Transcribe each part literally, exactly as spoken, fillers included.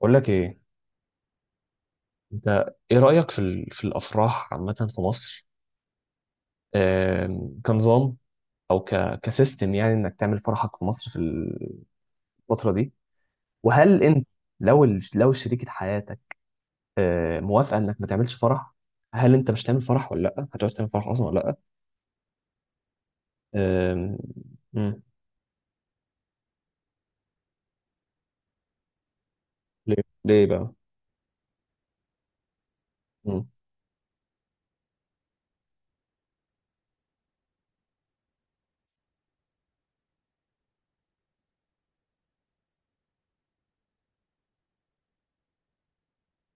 بقول لك ايه انت، ايه رأيك في ال- في الافراح عامة في مصر؟ آم، كنظام او ك كسيستم، يعني انك تعمل فرحك في مصر في الفترة دي. وهل انت لو ال- لو شريكة حياتك آه، موافقة انك ما تعملش فرح، هل انت مش هتعمل فرح ولا لا هتعوز تعمل فرح اصلا ولا لا؟ آم، مم. ليه؟ ليه بقى؟ مم.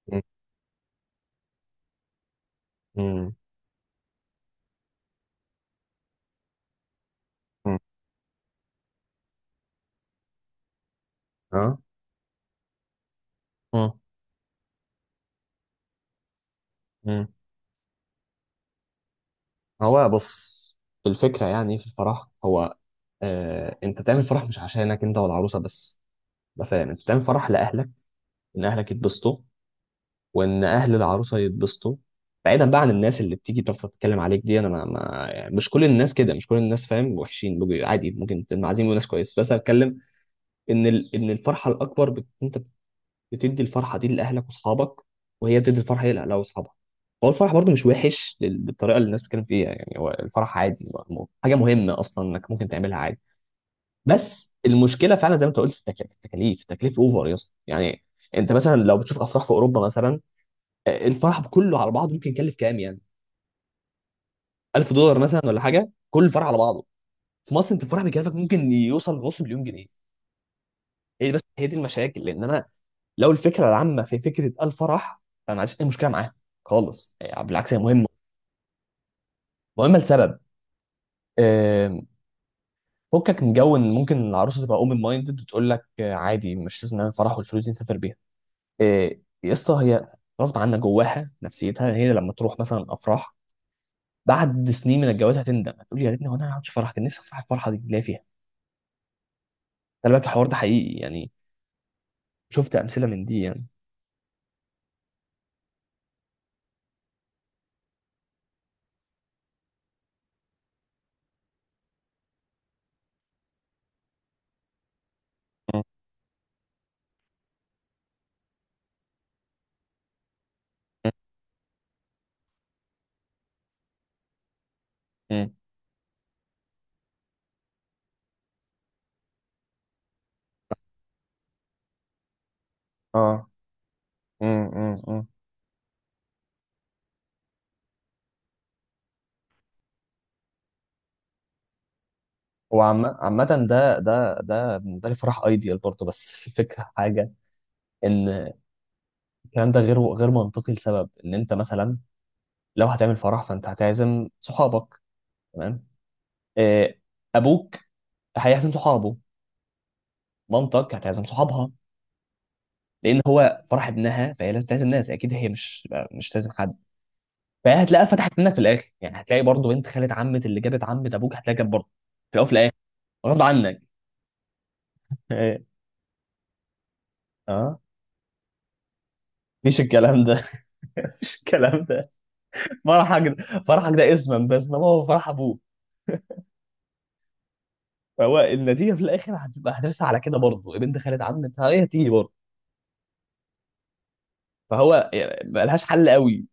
مم. مم. مم. ها. مم. هو بص، الفكرة يعني في الفرح هو، آه، انت تعمل فرح مش عشانك انت والعروسة بس. مثلا انت تعمل فرح لأهلك، ان أهلك يتبسطوا، وان أهل العروسة يتبسطوا. بعيدا بقى عن الناس اللي بتيجي تفضل تتكلم عليك دي، انا ما, ما يعني مش كل الناس كده، مش كل الناس فاهم وحشين، بيبقوا عادي، ممكن المعازيم وناس كويس. بس أنا بتكلم ان ال... ان الفرحة الأكبر بت... انت بتدي الفرحه دي لاهلك واصحابك، وهي بتدي الفرحه دي لاهلها واصحابها. هو الفرح برضو مش وحش لل- بالطريقه اللي الناس بتتكلم فيها، يعني هو الفرح عادي، هو حاجه مهمه اصلا انك ممكن تعملها عادي. بس المشكله فعلا زي ما انت قلت في التكليف التكاليف، تكليف اوفر يا اسطى يعني. انت مثلا لو بتشوف افراح في اوروبا مثلا، آه، الفرح كله على بعضه ممكن يكلف كام يعني؟ ألف دولار مثلا ولا حاجه، كل الفرح على بعضه. في مصر انت الفرح بيكلفك ممكن يوصل لنص مليون جنيه. هي دي، بس هي دي المشاكل. لان انا لو الفكره العامه في فكره الفرح، فما عنديش اي مشكله معاها خالص. آه، بالعكس، هي مهمه، مهمه لسبب، آه، فكك من جو ان ممكن العروسه تبقى اوبن مايندد وتقول لك آه، عادي مش لازم نعمل فرح والفلوس دي نسافر بيها. آه، يا اسطى هي غصب عنها جواها نفسيتها، هي لما تروح مثلا افراح بعد سنين من الجواز هتندم، هتقول يا ريتني، هو انا ما عملتش فرح، كان نفسي افرح الفرحه دي اللي هي فيها. خلي بالك الحوار ده حقيقي يعني، شفت امثله من دي يعني. مم. مم. اه. مم. مم. هو عم- عامة ده ده ده بالنسبة لي فرح ايديال برضه، بس الفكرة حاجة ان الكلام ده غير غير منطقي. لسبب ان انت مثلا لو هتعمل فرح فانت هتعزم صحابك، تمام؟ آه، ابوك هيعزم صحابه، مامتك هتعزم صحابها، لان هو فرح ابنها فهي لازم تعزم ناس اكيد، هي مش مش تعزم حد. فهتلاقيها فتحت منك في الاخر، يعني هتلاقي برضه بنت خالة عمة اللي جابت عمة ابوك هتلاقي جاب برضه، في الاول وفي الاخر. غصب عنك. اه. مفيش الكلام ده. مفيش الكلام ده. فرحك ده، فرحك ده اسما بس، انما هو فرح ابوه. فهو النتيجه في الاخر هتبقى، هترسى على كده برضه، بنت خالد عمت هي هتيجي برضه. فهو يعني ملهاش حل قوي.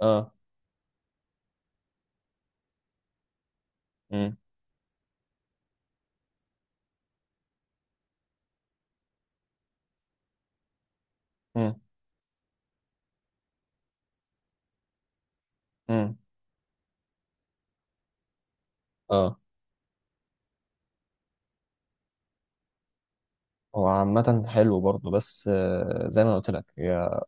اه. امم. امم. امم. اه. هو عامة حلو برضه، بس آه، زي ما أنا قلت لك، هي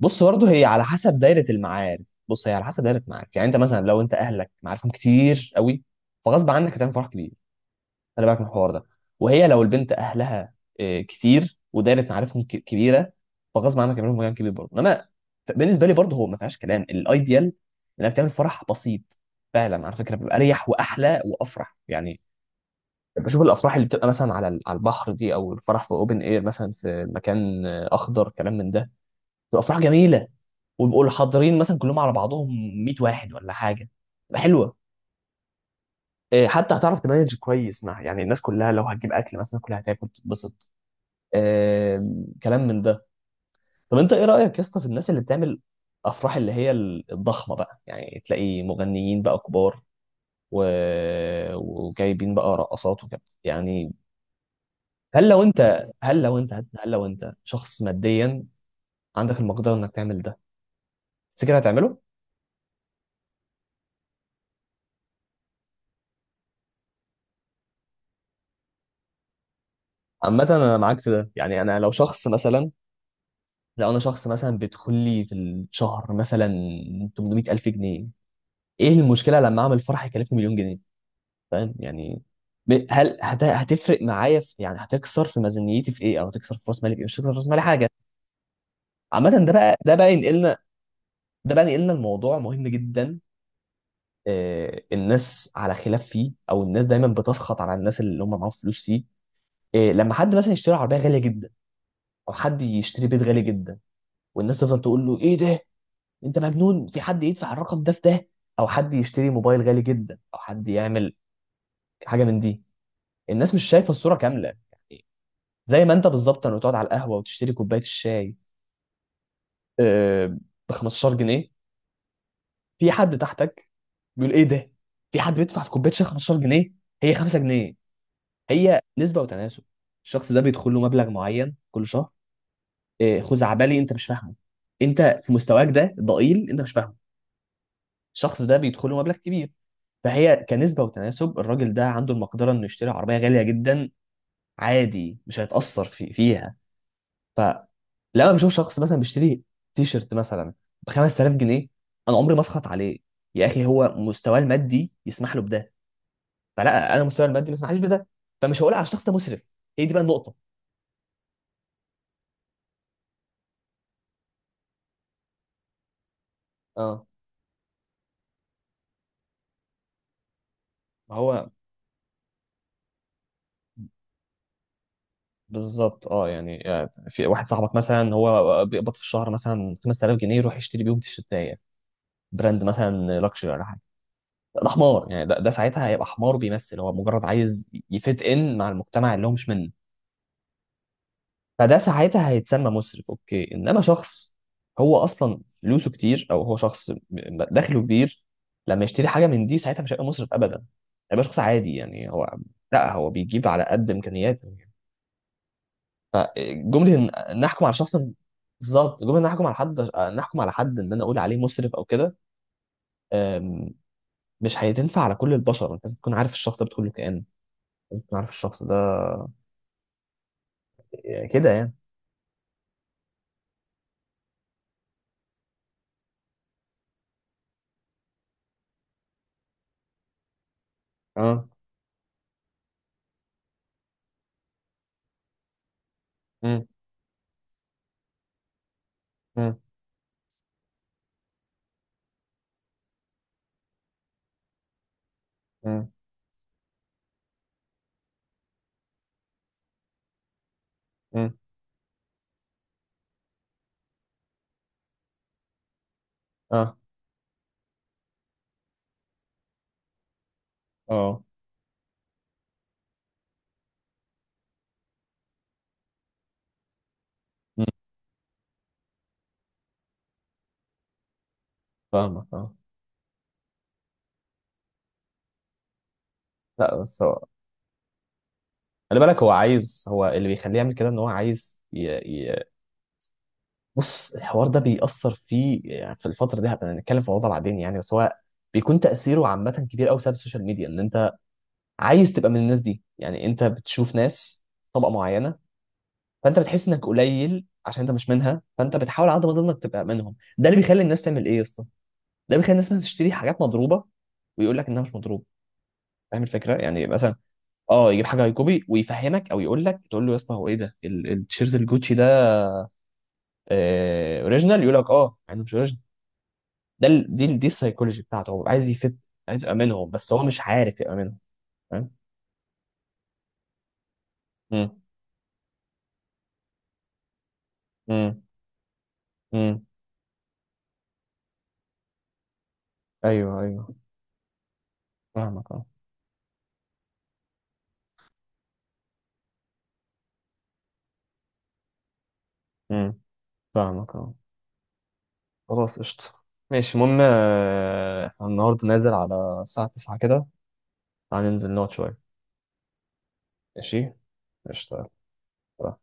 بص برضه هي على حسب دايرة المعارف. بص هي على حسب دايرة المعارف، يعني انت مثلا لو انت اهلك معارفهم كتير قوي فغصب عنك هتعمل فرح كبير. انا معاك من الحوار ده. وهي لو البنت اهلها آه، كتير ودايره معارفهم ك- كبيره، فغصب عنك يعملوا مكان كبير برضه. انما ف- بالنسبه لي برضه هو ما فيهاش كلام، الايديال انك تعمل فرح بسيط فعلا، على فكره بيبقى اريح واحلى وافرح يعني. بشوف الافراح اللي بتبقى مثلا على ال- على البحر دي، او الفرح في اوبن اير مثلا في مكان آه، اخضر، كلام من ده، بتبقى افراح جميله، ويبقوا حاضرين مثلا كلهم على بعضهم مية واحد ولا حاجه، بتبقى حلوه. آه، حتى هتعرف تمانج كويس مع يعني الناس كلها، لو هتجيب اكل مثلا كلها هتاكل تتبسط، آم، كلام من ده. طب انت ايه رأيك يا اسطى في الناس اللي بتعمل افراح اللي هي ال- الضخمة بقى، يعني تلاقي مغنيين بقى كبار و... وجايبين بقى رقصات وكده يعني. هل لو انت هل لو انت هل لو انت شخص ماديا عندك المقدرة انك تعمل ده، تفتكر هتعمله؟ عامة انا معاك في ده، يعني انا لو شخص مثلا، لو انا شخص مثلا بيدخل لي في الشهر مثلا ثمانمائة الف جنيه، ايه المشكلة لما اعمل فرح يكلفني مليون جنيه؟ فاهم يعني؟ ب- هل هت- هتفرق معايا في، يعني هتكسر في ميزانيتي في ايه، او هتكسر في راس مالي في ايه؟ مش هتكسر في راس مالي حاجه. عامه ده بقى ده بقى ينقلنا، ده بقى ينقلنا الموضوع مهم جدا. آه، الناس على خلاف فيه، او الناس دايما بتسخط على الناس اللي هم معاهم فلوس فيه. آه، لما حد مثلا يشتري عربيه غاليه جدا، او حد يشتري بيت غالي جدا، والناس تفضل تقول له ايه ده، انت مجنون، في حد يدفع الرقم ده في ده؟ او حد يشتري موبايل غالي جدا، او حد يعمل حاجه من دي. الناس مش شايفه الصوره كامله. زي ما انت بالظبط لما تقعد على القهوه وتشتري كوبايه الشاي ب خمستاشر جنيه، في حد تحتك بيقول ايه ده؟ في حد بيدفع في كوبايه شاي خمسة عشر جنيه؟ هي خمسة جنيه. هي نسبه وتناسب. الشخص ده بيدخل له مبلغ معين كل شهر. آه، خزعبلي انت مش فاهمه، انت في مستواك ده ضئيل انت مش فاهمه. الشخص ده بيدخل له مبلغ كبير، فهي كنسبه وتناسب الراجل ده عنده المقدره انه يشتري عربيه غاليه جدا عادي، مش هيتاثر في فيها. فلما بشوف شخص مثلا بيشتري تي شيرت مثلا ب خمس تلاف جنيه، انا عمري ما اسخط عليه. يا اخي هو مستواه المادي يسمح له بده، فلا، انا مستواي المادي ما يسمحليش بده، فمش هقول على الشخص ده مسرف. هي دي بقى النقطه. اه، ما هو بالظبط اه. يعني يعني في واحد صاحبك مثلا هو بيقبض في الشهر مثلا خمس تلاف جنيه، يروح يشتري بيهم تيشيرتايه براند مثلا لكشري ولا حاجه، ده حمار يعني. ده, ده ساعتها هيبقى حمار، بيمثل، هو مجرد عايز يفيت ان مع المجتمع اللي هو مش منه. فده ساعتها هيتسمى مسرف اوكي. انما شخص هو اصلا فلوسه كتير، او هو شخص م- دخله كبير، لما يشتري حاجه من دي ساعتها مش هيبقى مسرف ابدا، هيبقى شخص عادي، يعني هو، لا هو بيجيب على قد امكانياته. فجمله ان نحكم على شخص، بالظبط، جمله ان نحكم على حد، نحكم على حد ان انا اقول عليه مسرف او كده، أم، مش هتنفع على كل البشر. انت لازم تكون عارف الشخص ده بتقول له كائن، لازم تكون عارف الشخص ده كده يعني. اه. امم. امم. امم. امم. اه. اه. فاهمك اه. لا بس هو، خلي بالك، هو عايز، هو اللي بيخليه يعمل كده ان هو عايز ي... ي... بص الحوار ده بيأثر فيه يعني. في الفترة دي هبقى نتكلم في موضوع بعدين يعني، بس هو بيكون تأثيره عامة كبير قوي بسبب السوشيال ميديا، ان انت عايز تبقى من الناس دي. يعني انت بتشوف ناس طبقة معينة، فانت بتحس انك قليل عشان انت مش منها، فانت بتحاول على قد ما تقدر انك تبقى منهم. ده اللي بيخلي الناس تعمل ايه يا اسطى، ده بيخلي الناس مثلاً تشتري حاجات مضروبة ويقول لك انها مش مضروبه. فاهم الفكره؟ يعني مثلا اه يجيب حاجه هاي كوبي ويفهمك، او يقول لك، تقول له يا اسطى هو ايه ده ال- التيشيرت الجوتشي ده آه اوريجينال؟ يقول لك اه، يعني مش اوريجينال. ده ال- دي ال- دي السايكولوجي بتاعته، هو عايز يفت، عايز يامنهم بس هو مش عارف يامنهم. فاهم؟ امم. امم. امم. ايوه ايوه. فاهمك اه. امم. فاهمك اه. خلاص قشطه، ماشي. المهم آه، احنا النهارده نازل على الساعه تسعة كده، هننزل نقعد شويه. ماشي. قشطه. يلا.